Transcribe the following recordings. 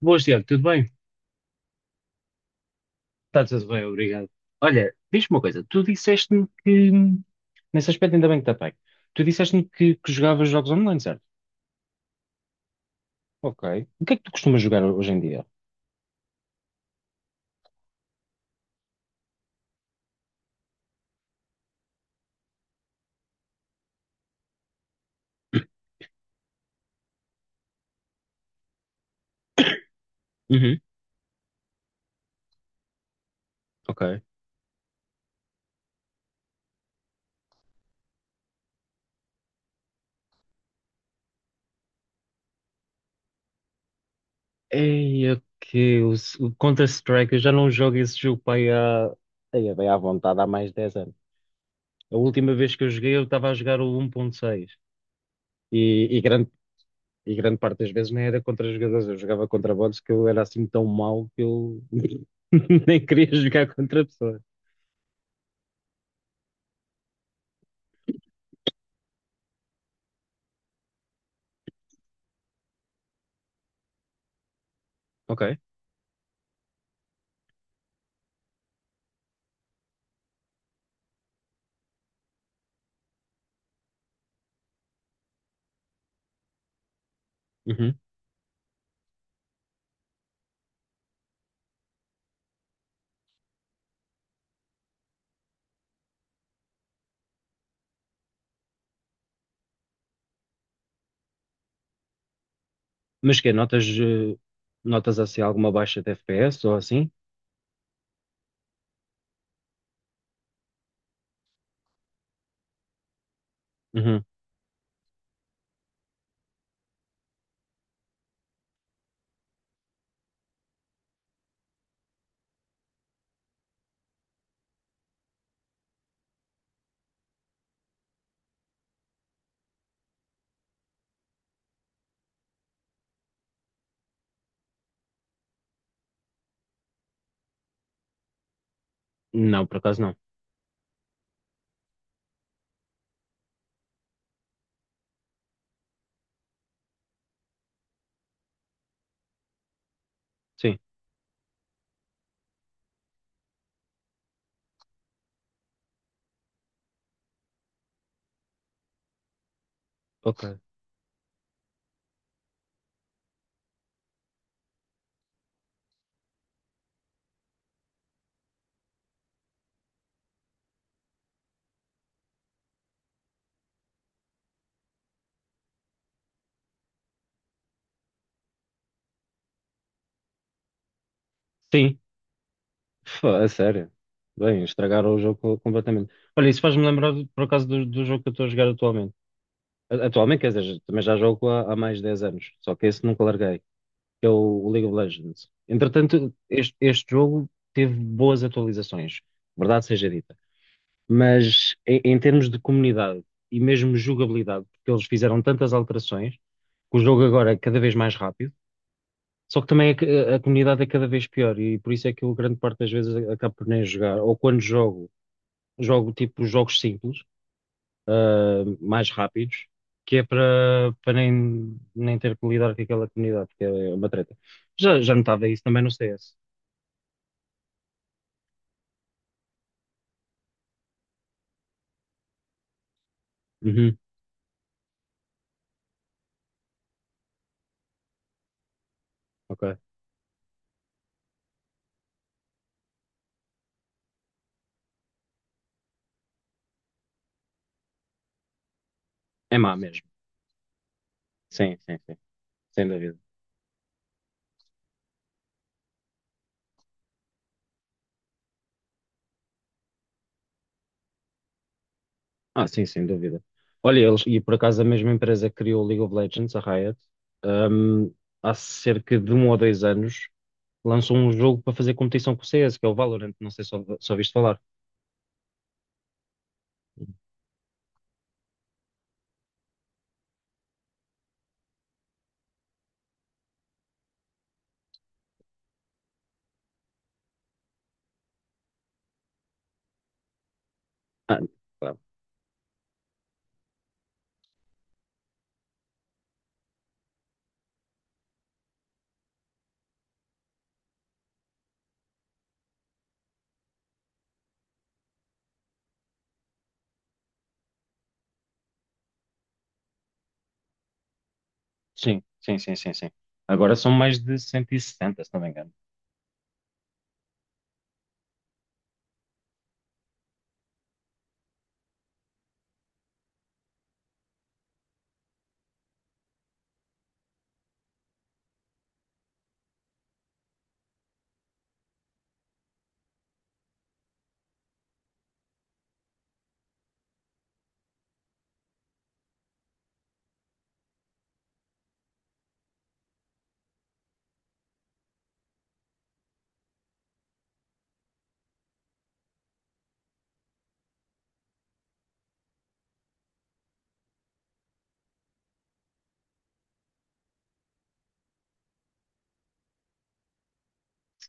Boas, Tiago, tudo bem? Está tudo bem, obrigado. Olha, diz-me uma coisa, nesse aspecto ainda bem que está bem, tu disseste-me que jogavas jogos online, certo? Ok. O que é que tu costumas jogar hoje em dia? Uhum, ok. Ei, ok. O Counter-Strike, eu já não jogo esse jogo para aí há. Ei, é bem à vontade, há mais de 10 anos. A última vez que eu joguei, eu estava a jogar o um 1.6. E, e, grande, e grande parte das vezes nem era contra jogadores, eu jogava contra bots que eu era assim tão mau que eu nem queria jogar contra a pessoa. Ok. Uhum. Mas que notas, notas assim alguma baixa de FPS ou assim? Uhum. Não, por acaso não. Sim. Ok. Sim, fô, a sério. Bem, estragaram o jogo co- completamente. Olha, isso faz-me lembrar, por acaso, do jogo que eu estou a jogar atualmente. A- Atualmente, quer dizer, também já jogo há mais de 10 anos, só que esse nunca larguei, que é o League of Legends. Entretanto, este jogo teve boas atualizações, verdade seja dita. Mas em termos de comunidade e mesmo jogabilidade, porque eles fizeram tantas alterações, que o jogo agora é cada vez mais rápido, só que também a comunidade é cada vez pior e por isso é que eu grande parte das vezes acabo por nem jogar, ou quando jogo, jogo tipo jogos simples, mais rápidos, que é para nem, nem ter que lidar com aquela comunidade, que é uma treta. Já notava isso também no CS. Uhum, ok. É má mesmo. Sim, sim, sim. Sem dúvida. Ah, sim, sem dúvida. Olha, eles, e por acaso a mesma empresa que criou o League of Legends, a Riot, hum, há cerca de um ou dois anos lançou um jogo para fazer competição com o CS, que é o Valorant. Não sei se ouvi- ouviste falar. Ah, claro. Sim, sim, sim, sim, sim. Agora são mais de 170, se não me engano.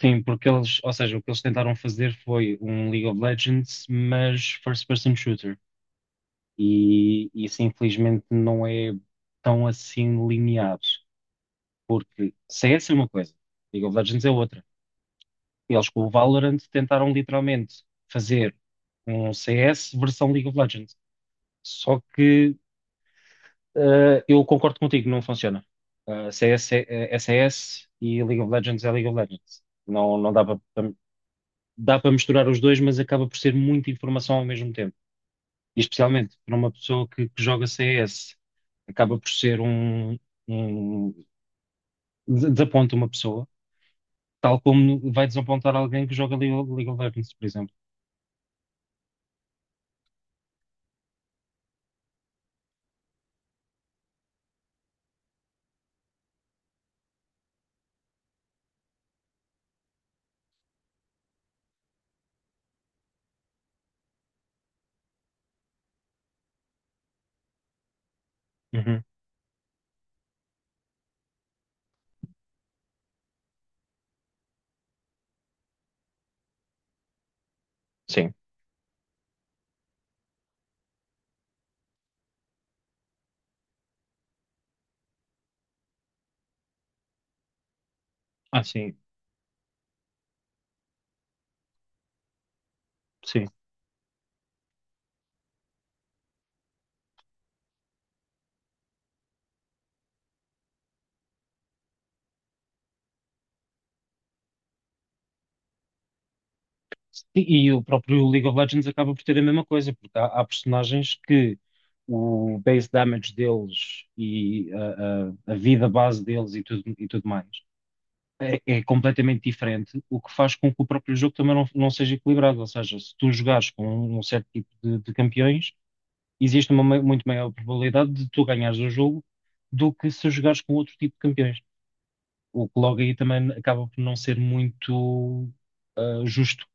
Sim, porque eles, ou seja, o que eles tentaram fazer foi um League of Legends, mas first person shooter. E isso infelizmente não é tão assim linear. Porque CS é uma coisa, League of Legends é outra. Eles com o Valorant tentaram literalmente fazer um CS versão League of Legends. Só que eu concordo contigo, não funciona. CS é CS e League of Legends é League of Legends. Não dá para dá para misturar os dois, mas acaba por ser muita informação ao mesmo tempo. E especialmente para uma pessoa que joga CS, acaba por ser um desaponta uma pessoa. Tal como vai desapontar alguém que joga League of Legends, por exemplo. Uhum. Sim. Ah, sim, sim. E o próprio League of Legends acaba por ter a mesma coisa, porque há personagens que o base damage deles e a vida base deles e tudo mais é completamente diferente, o que faz com que o próprio jogo também não seja equilibrado. Ou seja, se tu jogares com um certo tipo de campeões, existe uma mai- muito maior probabilidade de tu ganhares o jogo do que se jogares com outro tipo de campeões. O que logo aí também acaba por não ser muito justo.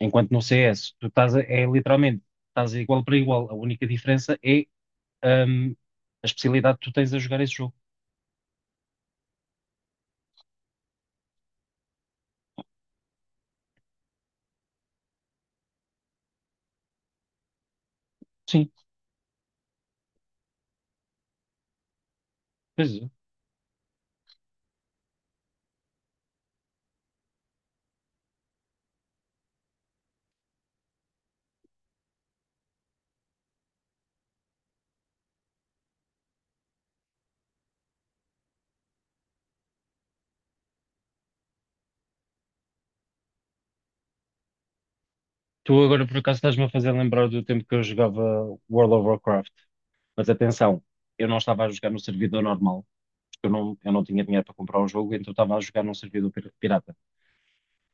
Enquanto no CS, tu estás a- é literalmente, estás igual para igual. A única diferença é ahm, a especialidade que tu tens a jogar esse jogo. Sim, pois é. Tu agora por acaso estás-me a fazer lembrar do tempo que eu jogava World of Warcraft. Mas atenção, eu não estava a jogar no servidor normal, porque eu não tinha dinheiro para comprar um jogo, então eu estava a jogar num servidor pir- pirata.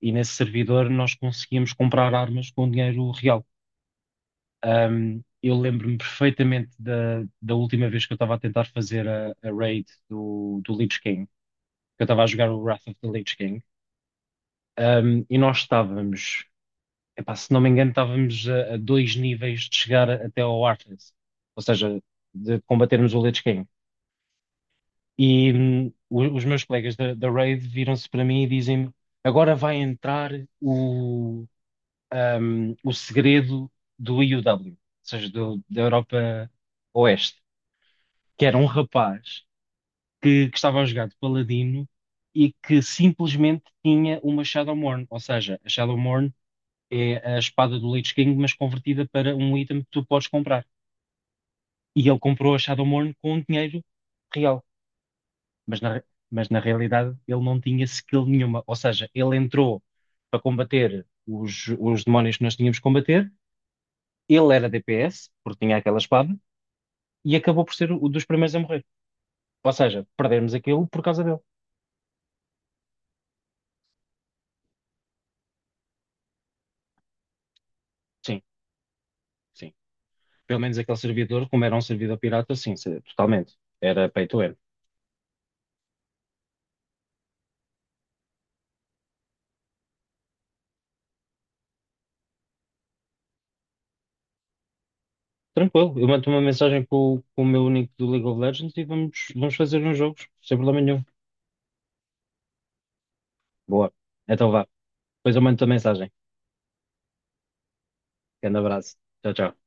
E nesse servidor nós conseguíamos comprar armas com dinheiro real. Um, eu lembro-me perfeitamente da última vez que eu estava a tentar fazer a raid do Lich King, que eu estava a jogar o Wrath of the Lich King. E nós estávamos, epá, se não me engano, estávamos a dois níveis de chegar a- até ao Arthas, ou seja, de combatermos o Lich King. E os meus colegas da raid viram-se para mim e dizem-me: agora vai entrar o, o segredo do EUW, ou seja, do- da Europa Oeste. Que era um rapaz que estava a jogar de paladino e que simplesmente tinha uma Shadowmourne. Ou seja, a Shadowmourne é a espada do Lich King, mas convertida para um item que tu podes comprar. E ele comprou a Shadowmourne com dinheiro real. Mas na, mas na realidade ele não tinha skill nenhuma. Ou seja, ele entrou para combater os demónios que nós tínhamos que combater. Ele era DPS, porque tinha aquela espada, e acabou por ser o dos primeiros a morrer. Ou seja, perdemos aquilo por causa dele. Sim, sim. Pelo menos aquele servidor, como era um servidor pirata, sim, se- totalmente. Era pay to earn. Tranquilo, eu mando uma mensagem com o meu único do League of Legends e vamos, vamos fazer uns jogos, sem problema nenhum. Boa. Então vá. Depois eu mando a mensagem. Grande abraço. Tchau, tchau.